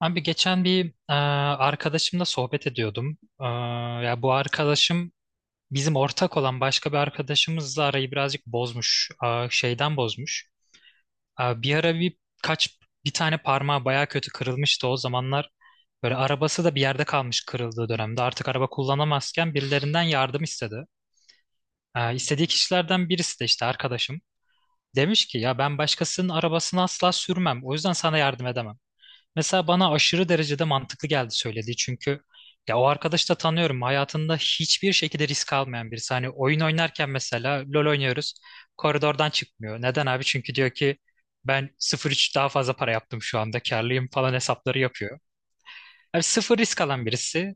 Abi geçen bir arkadaşımla sohbet ediyordum. Ya bu arkadaşım bizim ortak olan başka bir arkadaşımızla arayı birazcık bozmuş. Şeyden bozmuş. Bir ara kaç bir tane parmağı baya kötü kırılmıştı o zamanlar. Böyle arabası da bir yerde kalmış kırıldığı dönemde. Artık araba kullanamazken birilerinden yardım istedi. E, istediği kişilerden birisi de işte arkadaşım. Demiş ki ya ben başkasının arabasını asla sürmem. O yüzden sana yardım edemem. Mesela bana aşırı derecede mantıklı geldi söylediği, çünkü ya o arkadaşı da tanıyorum. Hayatında hiçbir şekilde risk almayan birisi. Hani oyun oynarken mesela LoL oynuyoruz. Koridordan çıkmıyor. Neden abi? Çünkü diyor ki ben 0,3 daha fazla para yaptım şu anda. Karlıyım falan hesapları yapıyor. Abi sıfır risk alan birisi.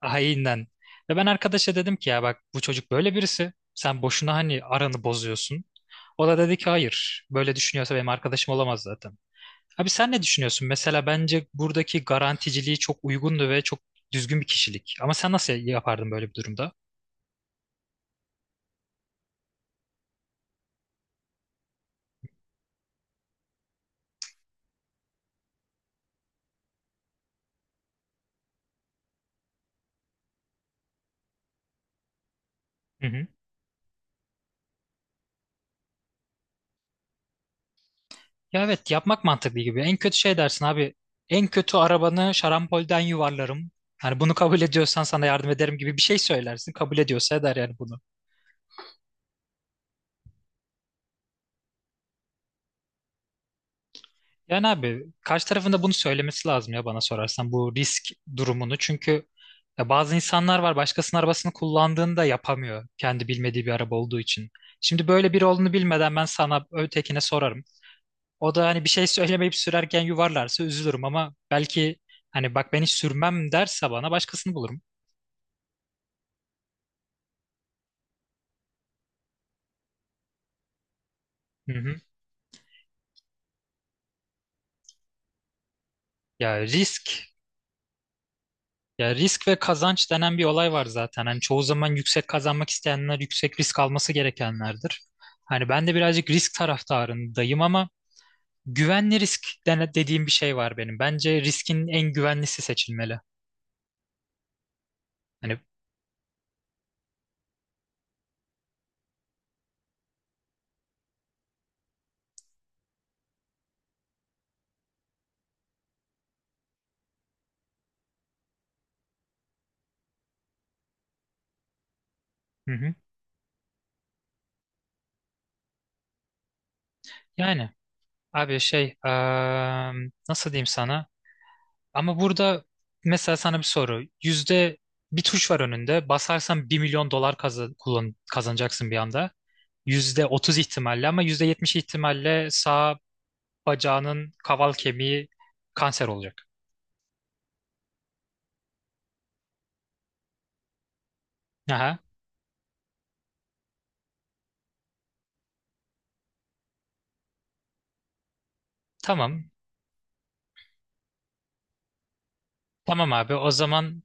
Haininden. Ve ben arkadaşa dedim ki ya bak bu çocuk böyle birisi. Sen boşuna hani aranı bozuyorsun. O da dedi ki hayır. Böyle düşünüyorsa benim arkadaşım olamaz zaten. Abi sen ne düşünüyorsun? Mesela bence buradaki garanticiliği çok uygundu ve çok düzgün bir kişilik. Ama sen nasıl yapardın böyle bir durumda? Hı hı. Ya evet, yapmak mantıklı gibi. En kötü şey dersin abi. En kötü arabanı şarampolden yuvarlarım. Hani bunu kabul ediyorsan sana yardım ederim gibi bir şey söylersin. Kabul ediyorsa eder yani bunu. Yani abi karşı tarafında bunu söylemesi lazım, ya bana sorarsan bu risk durumunu. Çünkü ya bazı insanlar var, başkasının arabasını kullandığında yapamıyor kendi bilmediği bir araba olduğu için. Şimdi böyle biri olduğunu bilmeden ben sana ötekine sorarım. O da hani bir şey söylemeyip sürerken yuvarlarsa üzülürüm, ama belki hani bak ben hiç sürmem derse bana başkasını bulurum. Hı hı. Ya risk Ya risk ve kazanç denen bir olay var zaten. Hani çoğu zaman yüksek kazanmak isteyenler yüksek risk alması gerekenlerdir. Hani ben de birazcık risk taraftarındayım, ama güvenli risk dediğim bir şey var benim. Bence riskin en güvenlisi seçilmeli. Hani hı hı. Yani abi şey, nasıl diyeyim sana? Ama burada mesela sana bir soru. Yüzde bir tuş var önünde. Basarsan $1.000.000 kazanacaksın bir anda. %30 ihtimalle, ama %70 ihtimalle sağa bacağının kaval kemiği kanser olacak. Aha, tamam. Tamam abi, o zaman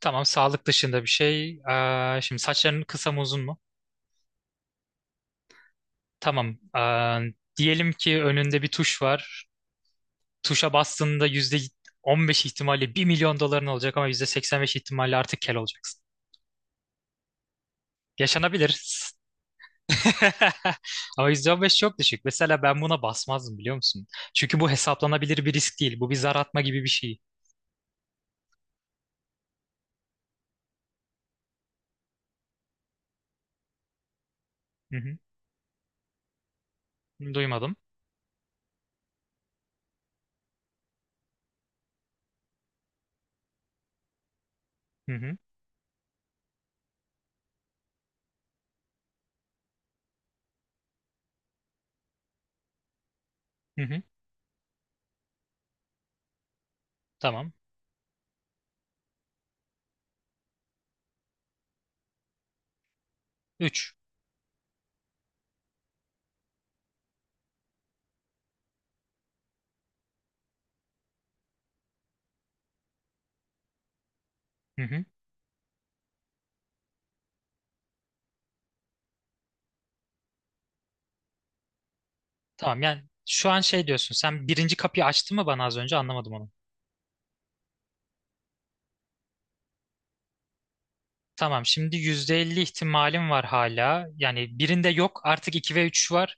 tamam, sağlık dışında bir şey. Aa, şimdi saçların kısa mı, uzun mu? Tamam. Aa, diyelim ki önünde bir tuş var. Tuşa bastığında %15 ihtimalle bir milyon doların olacak, ama %85 ihtimalle artık kel olacaksın. Yaşanabilir. Ama %15 çok düşük. Mesela ben buna basmazdım, biliyor musun? Çünkü bu hesaplanabilir bir risk değil. Bu bir zar atma gibi bir şey. Hı hı. Duymadım. Hı hı. Hı hı. Tamam. Üç. Hı hı. Tamam yani, şu an şey diyorsun, sen birinci kapıyı açtın mı, bana az önce anlamadım onu. Tamam, şimdi %50 ihtimalim var hala. Yani birinde yok artık, 2 ve 3 var.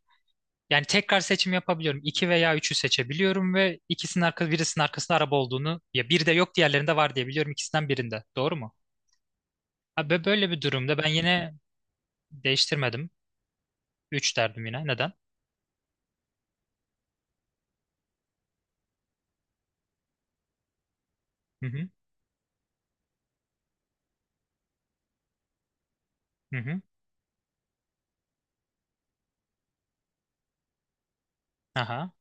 Yani tekrar seçim yapabiliyorum. İki veya üçü seçebiliyorum ve ikisinin arka, birisinin arkasında araba olduğunu, ya biri de yok diğerlerinde var diye biliyorum ikisinden birinde. Doğru mu? Abi böyle bir durumda ben yine değiştirmedim. Üç derdim yine. Neden? Hı hı. Hı hı. Aha.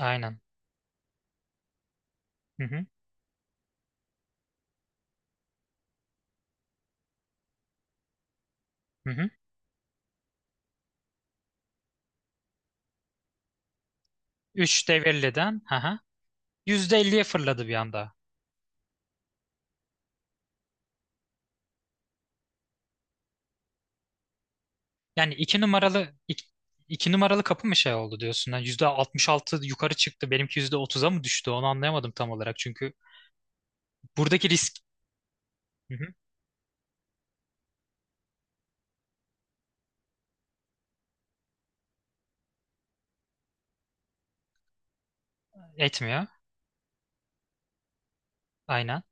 Aynen. Hı hı. Hı hı. 3 devirliden. Aha. %50'ye fırladı bir anda. Yani iki numaralı iki, iki numaralı kapı mı şey oldu diyorsun? Yani %66 yukarı çıktı. Benimki %30'a mı düştü? Onu anlayamadım tam olarak. Çünkü buradaki risk. Hı hı. Etmiyor. Aynen.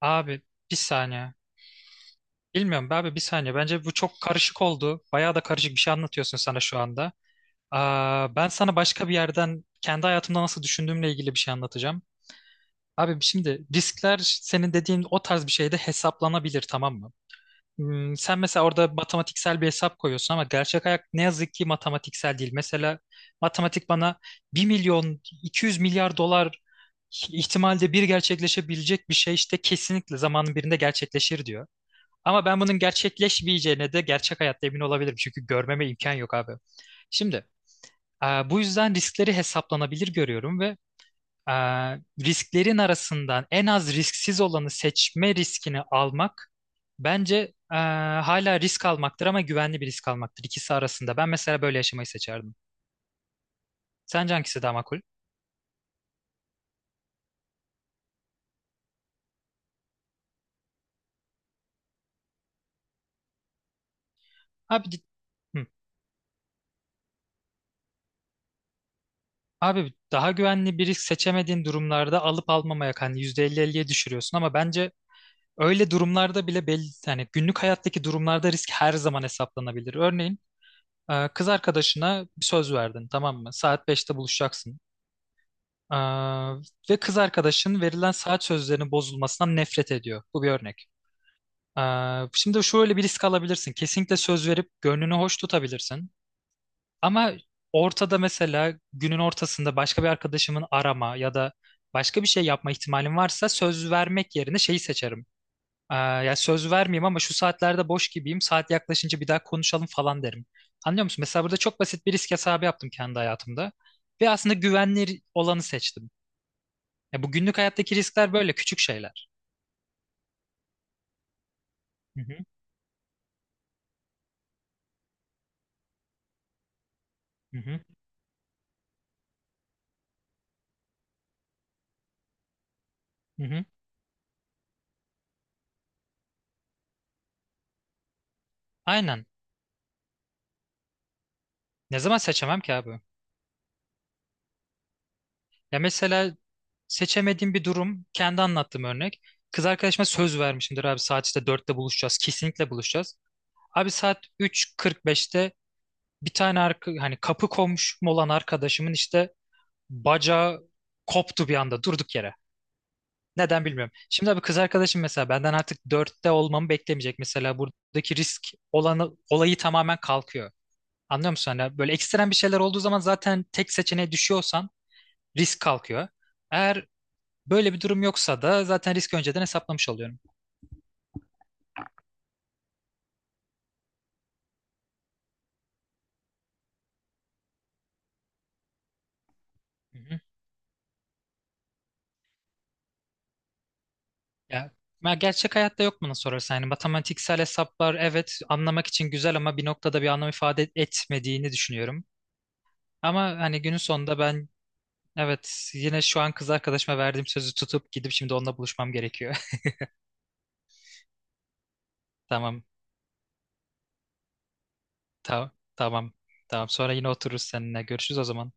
Abi bir saniye. Bilmiyorum be abi, bir saniye. Bence bu çok karışık oldu. Bayağı da karışık bir şey anlatıyorsun sana şu anda. Aa, ben sana başka bir yerden kendi hayatımda nasıl düşündüğümle ilgili bir şey anlatacağım. Abi şimdi riskler senin dediğin o tarz bir şeyde hesaplanabilir, tamam mı? Sen mesela orada matematiksel bir hesap koyuyorsun, ama gerçek hayat ne yazık ki matematiksel değil. Mesela matematik bana bir milyon 200 milyar dolar ihtimalde bir gerçekleşebilecek bir şey işte kesinlikle zamanın birinde gerçekleşir diyor. Ama ben bunun gerçekleşmeyeceğine de gerçek hayatta emin olabilirim. Çünkü görmeme imkan yok abi. Şimdi bu yüzden riskleri hesaplanabilir görüyorum ve ee, risklerin arasından en az risksiz olanı seçme riskini almak bence e, hala risk almaktır, ama güvenli bir risk almaktır ikisi arasında. Ben mesela böyle yaşamayı seçerdim. Sence hangisi daha makul? Abi, hı. Abi daha güvenli bir risk seçemediğin durumlarda alıp almamaya hani %50-50'ye düşürüyorsun, ama bence öyle durumlarda bile belli hani günlük hayattaki durumlarda risk her zaman hesaplanabilir. Örneğin kız arkadaşına bir söz verdin, tamam mı? Saat beşte buluşacaksın. Ee, ve kız arkadaşın verilen saat sözlerinin bozulmasından nefret ediyor. Bu bir örnek. Şimdi şöyle bir risk alabilirsin. Kesinlikle söz verip gönlünü hoş tutabilirsin. Ama ortada mesela günün ortasında başka bir arkadaşımın arama ya da başka bir şey yapma ihtimalim varsa söz vermek yerine şeyi seçerim. Ya söz vermeyeyim, ama şu saatlerde boş gibiyim. Saat yaklaşınca bir daha konuşalım falan derim. Anlıyor musun? Mesela burada çok basit bir risk hesabı yaptım kendi hayatımda. Ve aslında güvenli olanı seçtim. Ya bu günlük hayattaki riskler böyle küçük şeyler. Hı hı, hı hı, hı hı. Aynen. Ne zaman seçemem ki abi? Ya mesela seçemediğim bir durum, kendi anlattığım örnek. Kız arkadaşıma söz vermişimdir abi, saat işte dörtte buluşacağız. Kesinlikle buluşacağız. Abi saat üç kırk beşte bir tane hani kapı komşum olan arkadaşımın işte bacağı koptu bir anda, durduk yere. Neden bilmiyorum. Şimdi abi kız arkadaşım mesela benden artık dörtte olmamı beklemeyecek. Mesela buradaki risk olanı, olayı tamamen kalkıyor. Anlıyor musun? Hani böyle ekstrem bir şeyler olduğu zaman zaten tek seçeneğe düşüyorsan risk kalkıyor. Eğer böyle bir durum yoksa da zaten risk önceden hesaplamış oluyorum. Hı hı. Ya, ya gerçek hayatta yok bana sorarsan. Yani matematiksel hesaplar, evet, anlamak için güzel, ama bir noktada bir anlam ifade etmediğini düşünüyorum. Ama hani günün sonunda ben evet, yine şu an kız arkadaşıma verdiğim sözü tutup gidip şimdi onunla buluşmam gerekiyor. Tamam, tamam, tamam, tamam. Sonra yine otururuz seninle. Görüşürüz o zaman.